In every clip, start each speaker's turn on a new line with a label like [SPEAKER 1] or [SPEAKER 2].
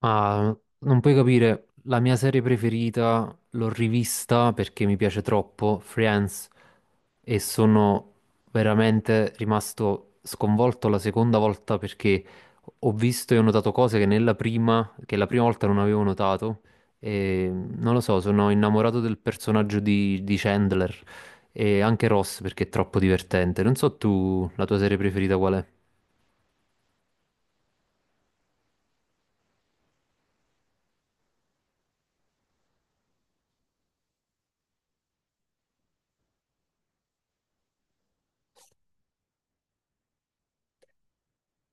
[SPEAKER 1] Ma non puoi capire, la mia serie preferita l'ho rivista perché mi piace troppo, Friends, e sono veramente rimasto sconvolto la seconda volta perché ho visto e ho notato cose che nella prima, che la prima volta non avevo notato, e non lo so, sono innamorato del personaggio di Chandler e anche Ross perché è troppo divertente. Non so tu, la tua serie preferita qual è?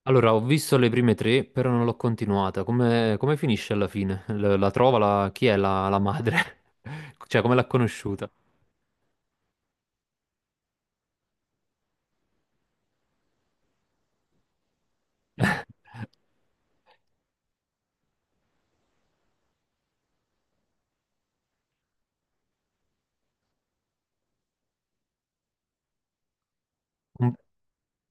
[SPEAKER 1] Allora, ho visto le prime tre, però non l'ho continuata. Come finisce alla fine? Chi è la madre? Cioè, come l'ha conosciuta? Un,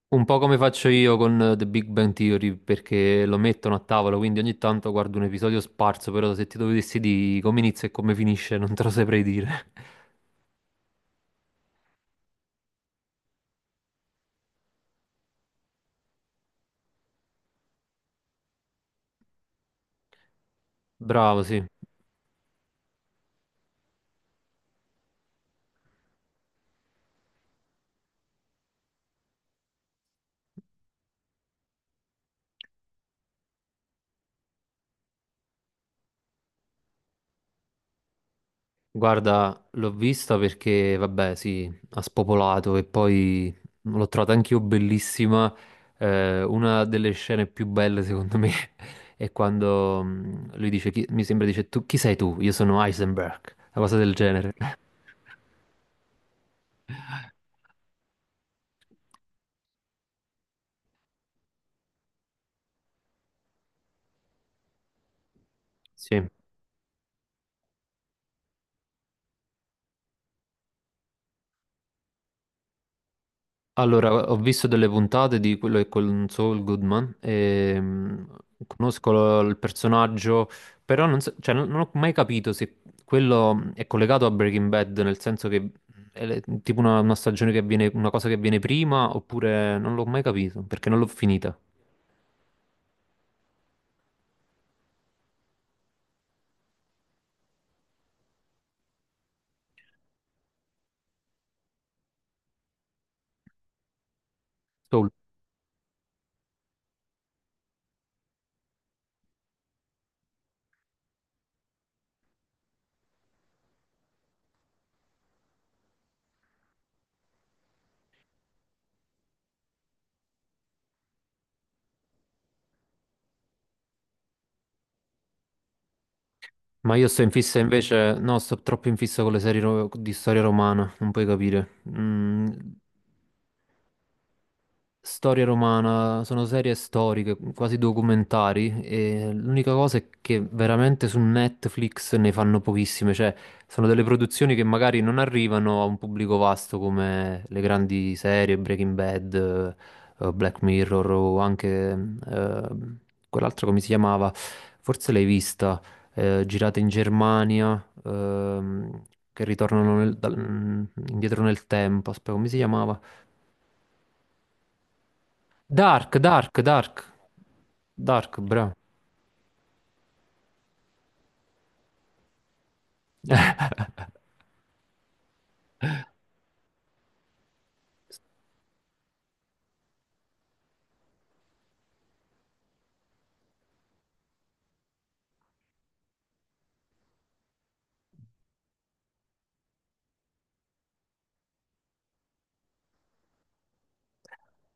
[SPEAKER 1] un po' come faccio io con The Big Bang Theory, perché lo mettono a tavola, quindi ogni tanto guardo un episodio sparso, però se ti dovessi dire come inizia e come finisce non te lo saprei dire. Bravo, sì. Guarda, l'ho vista perché, vabbè, sì, ha spopolato e poi l'ho trovata anch'io bellissima. Una delle scene più belle, secondo me, è quando lui dice, mi sembra dice, tu, chi sei tu? Io sono Heisenberg, una cosa del genere. Sì. Allora, ho visto delle puntate di quello che è con Saul Goodman e conosco il personaggio, però non, so- cioè, non ho mai capito se quello è collegato a Breaking Bad, nel senso che è tipo una stagione che avviene, una cosa che avviene prima, oppure non l'ho mai capito, perché non l'ho finita. Saul. Ma io sto in fissa invece, no, sto troppo in fissa con le serie di storia romana, non puoi capire. Storia romana, sono serie storiche, quasi documentari, e l'unica cosa è che veramente su Netflix ne fanno pochissime, cioè sono delle produzioni che magari non arrivano a un pubblico vasto come le grandi serie, Breaking Bad, Black Mirror o anche eh, quell'altra come si chiamava, forse l'hai vista, girata in Germania, che ritornano indietro nel tempo, aspetta, come si chiamava? Dark, Dark, bravo.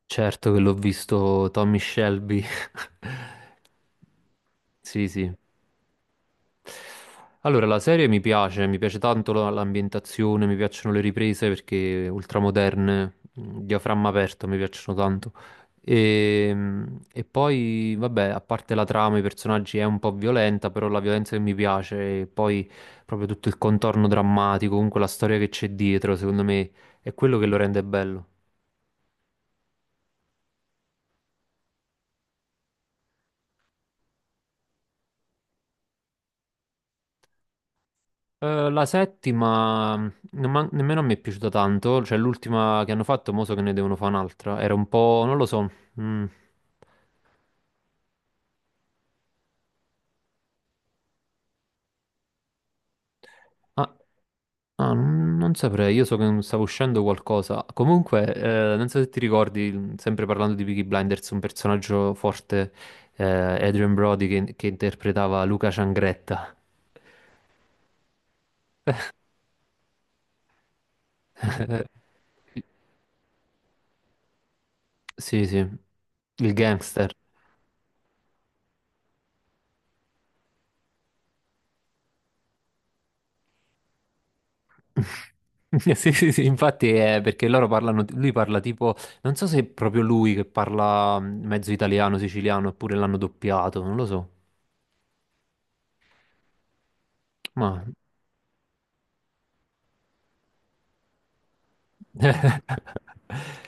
[SPEAKER 1] Certo che l'ho visto Tommy Shelby. Sì, sì. Allora, la serie mi piace tanto l'ambientazione, mi piacciono le riprese perché ultramoderne, diaframma aperto, mi piacciono tanto. E poi, vabbè, a parte la trama, i personaggi è un po' violenta, però la violenza che mi piace, e poi proprio tutto il contorno drammatico, comunque la storia che c'è dietro, secondo me è quello che lo rende bello. La settima nemmeno a me è piaciuta tanto, cioè l'ultima che hanno fatto, mo so che ne devono fare un'altra, era un po', non lo so. Mm. Ah, ah, non saprei, io so che non stava uscendo qualcosa. Comunque, non so se ti ricordi, sempre parlando di Peaky Blinders, un personaggio forte, eh, Adrian Brody, che interpretava Luca Ciangretta. Sì, sì, il gangster. Sì, sì, sì, infatti è perché loro parlano, lui parla tipo, non so se è proprio lui che parla mezzo italiano, siciliano, oppure l'hanno doppiato, non lo so. Ma...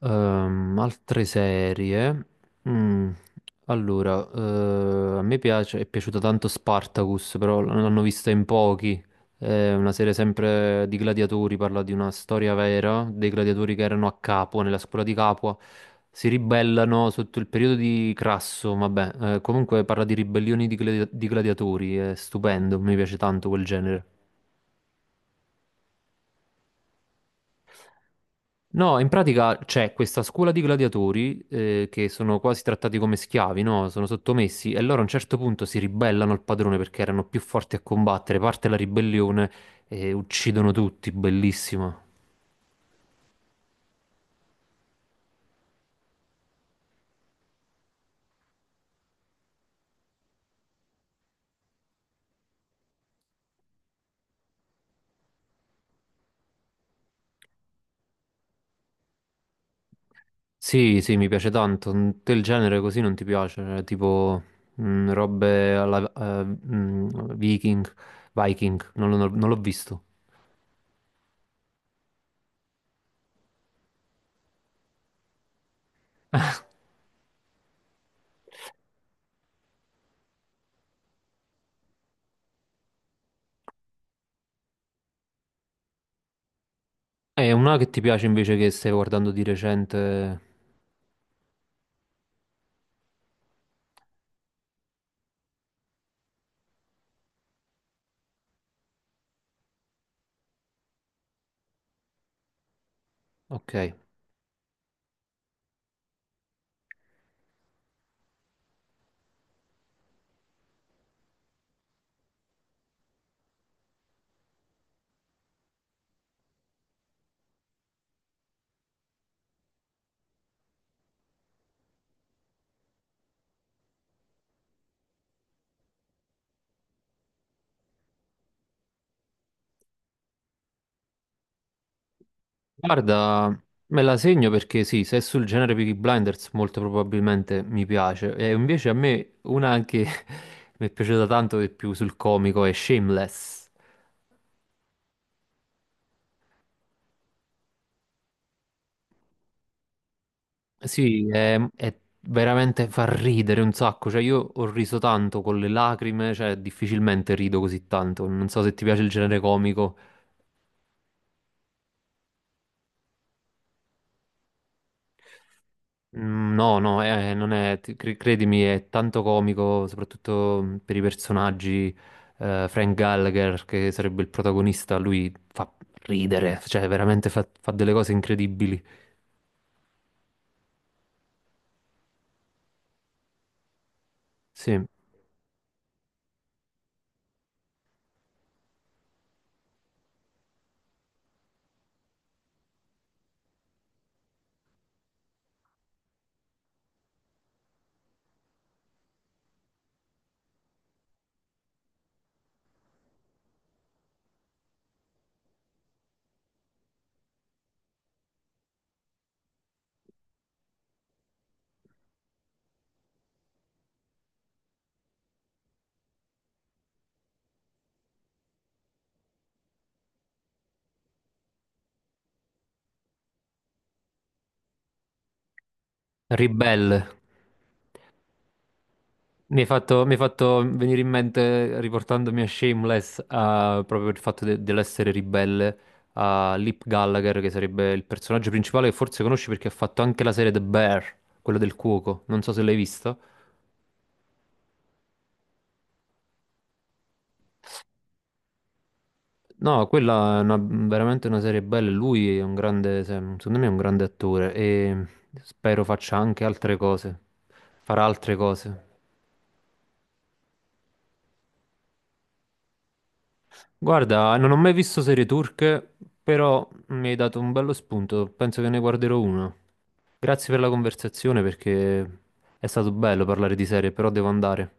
[SPEAKER 1] Altre serie. Mm, Allora, a me piace, è piaciuta tanto Spartacus, però l'hanno vista in pochi. È una serie sempre di gladiatori, parla di una storia vera, dei gladiatori che erano a Capua, nella scuola di Capua, si ribellano sotto il periodo di Crasso, vabbè, comunque parla di ribellioni di gladiatori, è stupendo, mi piace tanto quel genere. No, in pratica c'è questa scuola di gladiatori che sono quasi trattati come schiavi, no? Sono sottomessi e loro a un certo punto si ribellano al padrone perché erano più forti a combattere, parte la ribellione e uccidono tutti, bellissimo. Sì, sì, mi piace tanto. Te il genere così non ti piace, tipo robe alla Viking, Viking, non l'ho visto. È una che ti piace invece che stai guardando di recente. Ok. Guarda, me la segno perché sì, se è sul genere Peaky Blinders molto probabilmente mi piace. E invece a me una che mi è piaciuta tanto di più sul comico è Shameless. Sì, è veramente fa ridere un sacco. Cioè, io ho riso tanto con le lacrime, cioè difficilmente rido così tanto. Non so se ti piace il genere comico. No, no, non è, credimi, è tanto comico, soprattutto per i personaggi. Eh, Frank Gallagher, che sarebbe il protagonista, lui fa ridere, cioè veramente fa delle cose incredibili. Sì, ribelle. Mi hai fatto venire in mente, riportandomi a Shameless, proprio il fatto dell'essere ribelle, a Lip Gallagher, che sarebbe il personaggio principale che forse conosci perché ha fatto anche la serie The Bear, quella del cuoco. Non so se l'hai vista. No, quella è veramente una serie bella. Lui è un grande, secondo me è un grande attore e spero faccia anche altre cose. Farà altre cose. Guarda, non ho mai visto serie turche, però mi hai dato un bello spunto. Penso che ne guarderò una. Grazie per la conversazione perché è stato bello parlare di serie, però devo andare.